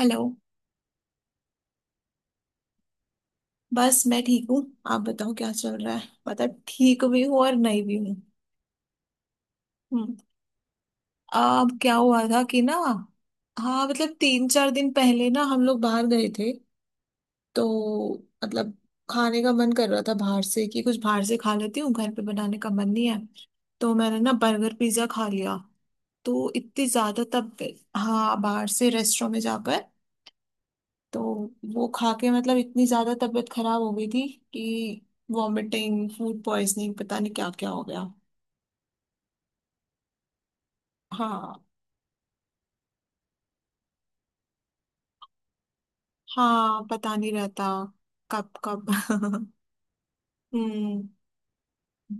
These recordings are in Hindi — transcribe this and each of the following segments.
हेलो। बस मैं ठीक हूँ। आप बताओ क्या चल रहा है? पता ठीक भी हूँ और नहीं भी हूँ। हम्म, अब क्या हुआ था कि ना। हाँ मतलब तीन चार दिन पहले ना हम लोग बाहर गए थे। तो मतलब खाने का मन कर रहा था बाहर से कि कुछ बाहर से खा लेती हूँ घर पे बनाने का मन नहीं है। तो मैंने ना बर्गर पिज्जा खा लिया। तो इतनी ज्यादा तब। हाँ बाहर से रेस्टोरेंट में जाकर। तो वो खा के मतलब इतनी ज्यादा तबीयत खराब हो गई थी कि वॉमिटिंग फूड पॉइजनिंग पता नहीं क्या क्या हो गया। हाँ हाँ पता नहीं रहता। कब कब हम्म।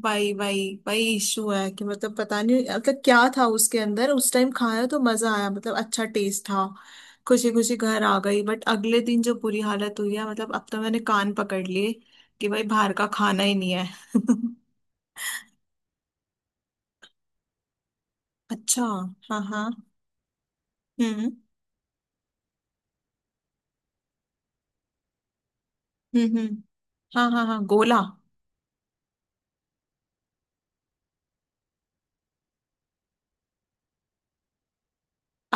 वही वही। वही इशू है कि मतलब पता नहीं मतलब क्या था उसके अंदर। उस टाइम खाया तो मजा आया मतलब अच्छा टेस्ट था। खुशी खुशी घर आ गई बट अगले दिन जो बुरी हालत हुई है मतलब अब तो मैंने कान पकड़ लिए कि भाई बाहर का खाना ही नहीं है। अच्छा। हाँ हाँ। हम्म हम्म। हाँ हाँ हाँ गोला।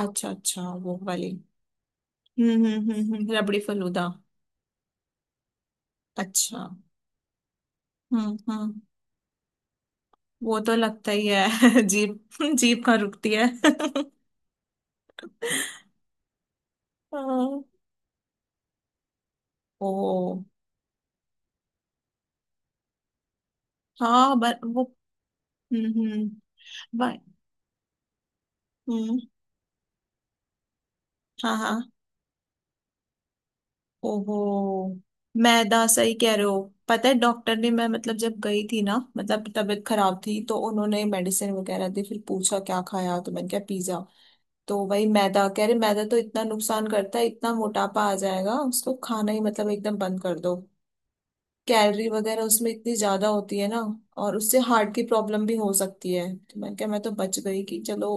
अच्छा अच्छा वो वाली। रबड़ी फलूदा। अच्छा। हम्म। वो तो लगता ही है जीप। जीप कहाँ रुकती है हाँ, ओ। हाँ वो। हम्म। बर- हम्म। हाँ हाँ। ओहो। मैदा सही कह रहे हो। पता है डॉक्टर ने मैं मतलब जब गई थी ना मतलब तबीयत खराब थी तो उन्होंने मेडिसिन वगैरह दी फिर पूछा क्या खाया तो मैंने कहा पिज्जा। तो वही मैदा कह रहे मैदा तो इतना नुकसान करता है इतना मोटापा आ जाएगा उसको खाना ही मतलब एकदम बंद कर दो। कैलोरी वगैरह उसमें इतनी ज्यादा होती है ना। और उससे हार्ट की प्रॉब्लम भी हो सकती है तो मैंने कहा मैं तो बच गई कि चलो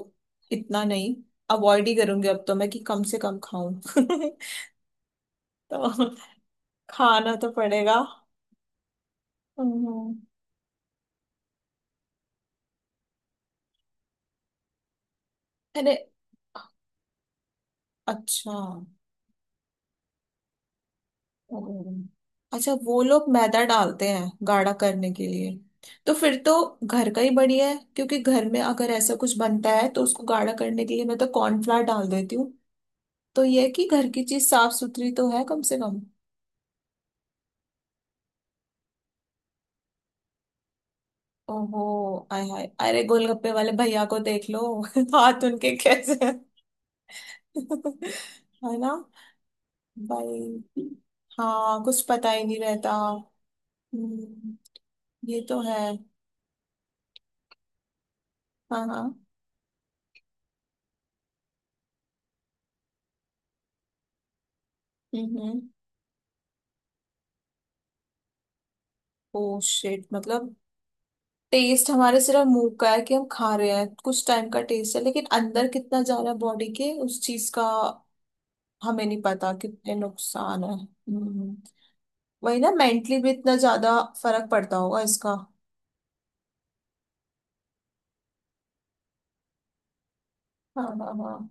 इतना नहीं। अवॉइड ही करूंगी अब तो मैं कि कम से कम खाऊं तो खाना तो पड़ेगा। हम्म, अरे अच्छा। ओह। अच्छा वो लोग मैदा डालते हैं गाढ़ा करने के लिए। तो फिर तो घर का ही बढ़िया है क्योंकि घर में अगर ऐसा कुछ बनता है तो उसको गाढ़ा करने के लिए मैं तो कॉर्नफ्लावर डाल देती हूँ। तो ये है कि घर की चीज साफ सुथरी तो है कम से कम। ओहो आय हाय अरे गोलगप्पे वाले भैया को देख लो हाथ उनके कैसे हैं। है ना भाई। हाँ कुछ पता ही नहीं रहता। हम्म, ये तो है। हाँ हाँ। हम्म। ओ शिट मतलब। टेस्ट हमारे सिर्फ मुंह का है कि हम खा रहे हैं कुछ टाइम का टेस्ट है लेकिन अंदर कितना जा रहा है बॉडी के उस चीज का। हमें नहीं पता कितने नुकसान है हम्म। वही ना मेंटली भी इतना ज्यादा फर्क पड़ता होगा इसका। हाँ हाँ हाँ।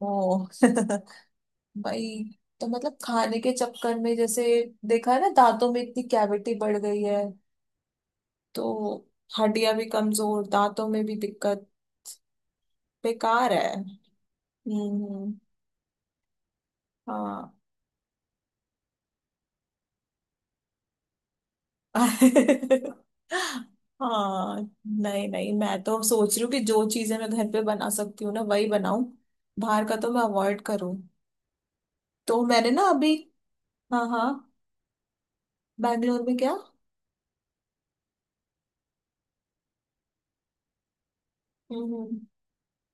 ओ भाई। तो मतलब खाने के चक्कर में जैसे देखा है ना दांतों में इतनी कैविटी बढ़ गई है। तो हड्डियां भी कमजोर दांतों में भी दिक्कत। बेकार है। हम्म। हाँ हाँ नहीं नहीं मैं तो सोच रही हूँ कि जो चीजें मैं घर पे बना सकती हूँ ना वही बनाऊं। बाहर का तो मैं अवॉइड करूँ। तो मैंने ना अभी। हाँ हाँ। बैंगलोर में क्या? हम्म हम्म,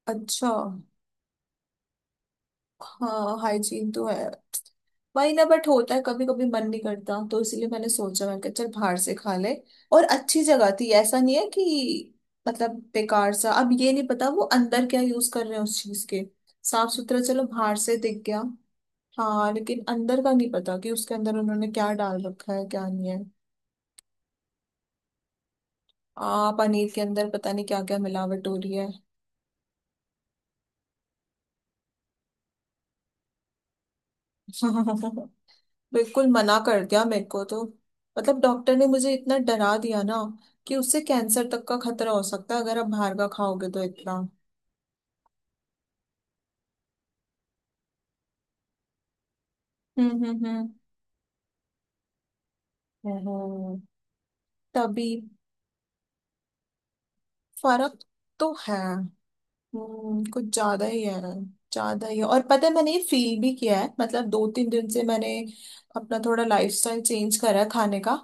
अच्छा। हाँ हाइजीन तो है। वही ना बट होता है कभी कभी मन नहीं करता तो इसलिए मैंने सोचा मैं कि चल बाहर से खा ले। और अच्छी जगह थी ऐसा नहीं है कि मतलब बेकार सा अब ये नहीं पता वो अंदर क्या यूज कर रहे हैं उस चीज के। साफ सुथरा चलो बाहर से दिख गया। हाँ लेकिन अंदर का नहीं पता कि उसके अंदर उन्होंने क्या डाल रखा है क्या नहीं है। आ पनीर के अंदर पता नहीं क्या क्या मिलावट हो रही है। बिल्कुल मना कर दिया मेरे को तो। मतलब डॉक्टर ने मुझे इतना डरा दिया ना कि उससे कैंसर तक का खतरा हो सकता है अगर आप बाहर का खाओगे तो इतना। हम्म हम्म हम्म हम्म। तभी। फर्क तो है। कुछ ज्यादा ही है। ज्यादा ही है और पता है मैंने ये फील भी किया है मतलब दो तीन दिन से मैंने अपना थोड़ा लाइफस्टाइल चेंज करा है खाने का।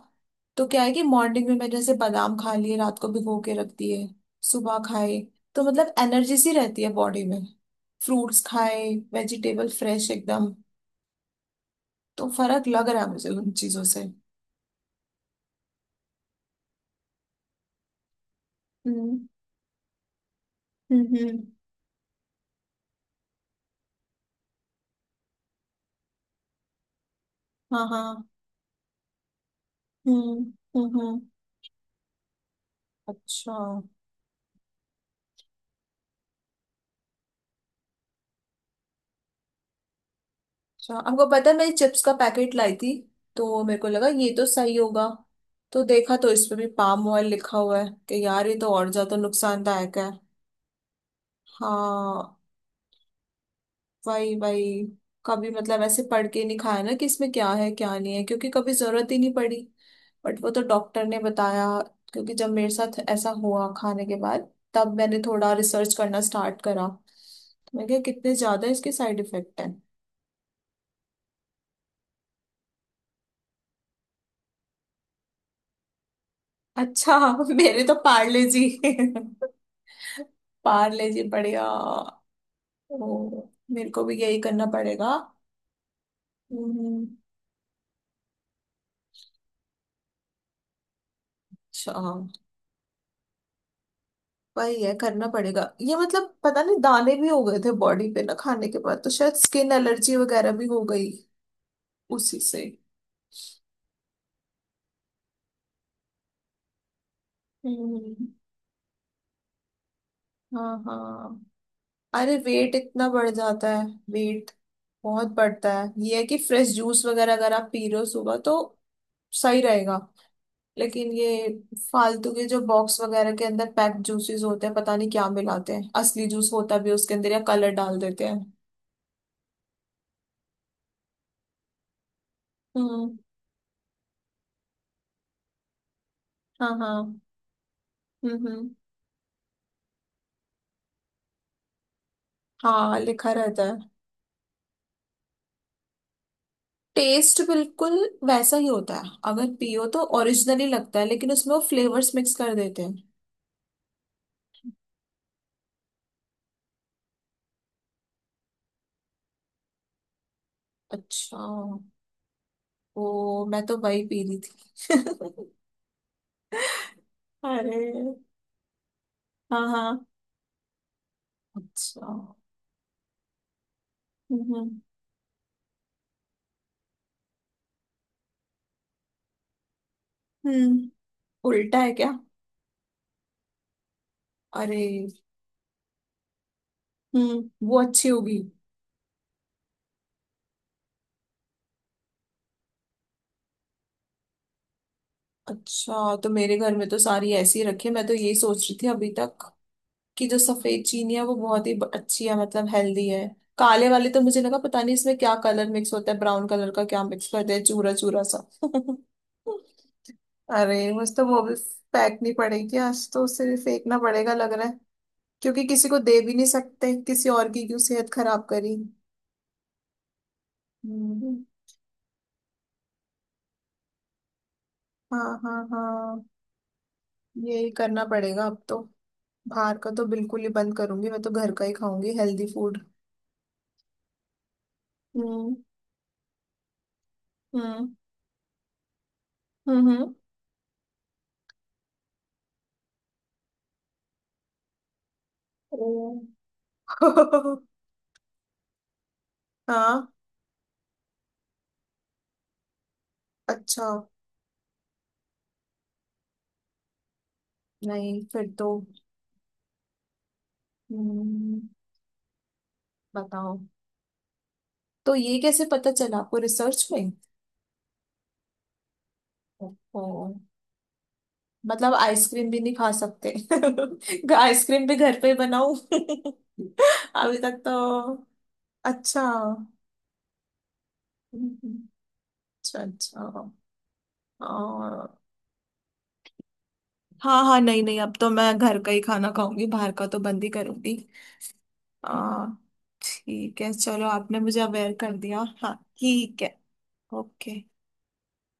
तो क्या है कि मॉर्निंग में मैंने जैसे बादाम खा लिए रात को भिगो के रख दिए सुबह खाए। तो मतलब एनर्जी सी रहती है बॉडी में फ्रूट्स खाए वेजिटेबल फ्रेश एकदम। तो फर्क लग रहा है मुझे उन चीजों से। हम्म हम्म हम्म, हाँ हाँ। हम्म हम्म हम्म, अच्छा अच्छा। आपको पता है मैं चिप्स का पैकेट लाई थी। तो मेरे को लगा ये तो सही होगा। तो देखा तो इस पे भी पाम ऑयल लिखा हुआ है कि यार ये तो और ज्यादा नुकसानदायक है। हाँ भाई भाई। कभी मतलब ऐसे पढ़ के नहीं खाया ना कि इसमें क्या है क्या नहीं है क्योंकि कभी जरूरत ही नहीं पड़ी। बट वो तो डॉक्टर ने बताया क्योंकि जब मेरे साथ ऐसा हुआ खाने के बाद तब मैंने थोड़ा रिसर्च करना स्टार्ट करा तो मैं क्या कितने ज्यादा इसके साइड इफेक्ट हैं। अच्छा मेरे तो पार्ले जी पार्ले जी बढ़िया। ओ, मेरे को भी यही करना पड़ेगा। हम्म, अच्छा। वही है करना पड़ेगा ये मतलब पता नहीं दाने भी हो गए थे बॉडी पे ना खाने के बाद तो शायद स्किन एलर्जी वगैरह भी हो गई उसी से। हम्म हाँ हाँ। अरे वेट इतना बढ़ जाता है वेट बहुत बढ़ता है ये है कि फ्रेश जूस वगैरह अगर आप पी रहे हो सुबह तो सही रहेगा। लेकिन ये फालतू के जो बॉक्स वगैरह के अंदर पैक्ड जूसेस होते हैं पता नहीं क्या मिलाते हैं असली जूस होता भी है उसके अंदर या कलर डाल देते हैं। हम्म हाँ हाँ हम्म। हाँ लिखा रहता है। टेस्ट बिल्कुल वैसा ही होता है अगर पियो तो ओरिजिनली लगता है लेकिन उसमें वो फ्लेवर्स मिक्स कर देते हैं। अच्छा ओ मैं तो वही पी रही थी अरे हाँ हाँ। अच्छा। हम्म हम्म हम्म, उल्टा है क्या? अरे। वो अच्छी होगी। अच्छा तो मेरे घर में तो सारी ऐसी रखी है मैं तो यही सोच रही थी अभी तक कि जो सफेद चीनी है वो बहुत ही अच्छी है मतलब हेल्दी है। काले वाले तो मुझे लगा पता नहीं इसमें क्या कलर मिक्स होता है ब्राउन कलर का क्या मिक्स करते हैं चूरा चूरा सा अरे मुझे तो वो भी फेंकनी पड़ेगी आज तो उसे भी फेंकना पड़ेगा लग रहा है क्योंकि किसी को दे भी नहीं सकते किसी और की क्यों सेहत खराब करी। हम्म, हाँ हाँ हाँ यही करना पड़ेगा अब तो। बाहर का तो बिल्कुल ही बंद करूंगी मैं तो घर का ही खाऊंगी हेल्दी फूड। हम्म हम्म हम्म। ओ हाँ। अच्छा। नहीं फिर तो। हम्म, बताओ तो ये कैसे पता चला आपको रिसर्च में? ओ मतलब आइसक्रीम भी नहीं खा सकते। आइसक्रीम भी घर पे बनाऊं अभी तक तो। अच्छा अच्छा अच्छा। आ, हाँ हाँ नहीं नहीं अब तो मैं घर का ही खाना खाऊंगी बाहर का तो बंद ही करूंगी। आ, ठीक है चलो आपने मुझे अवेयर कर दिया हाँ ठीक है। ओके।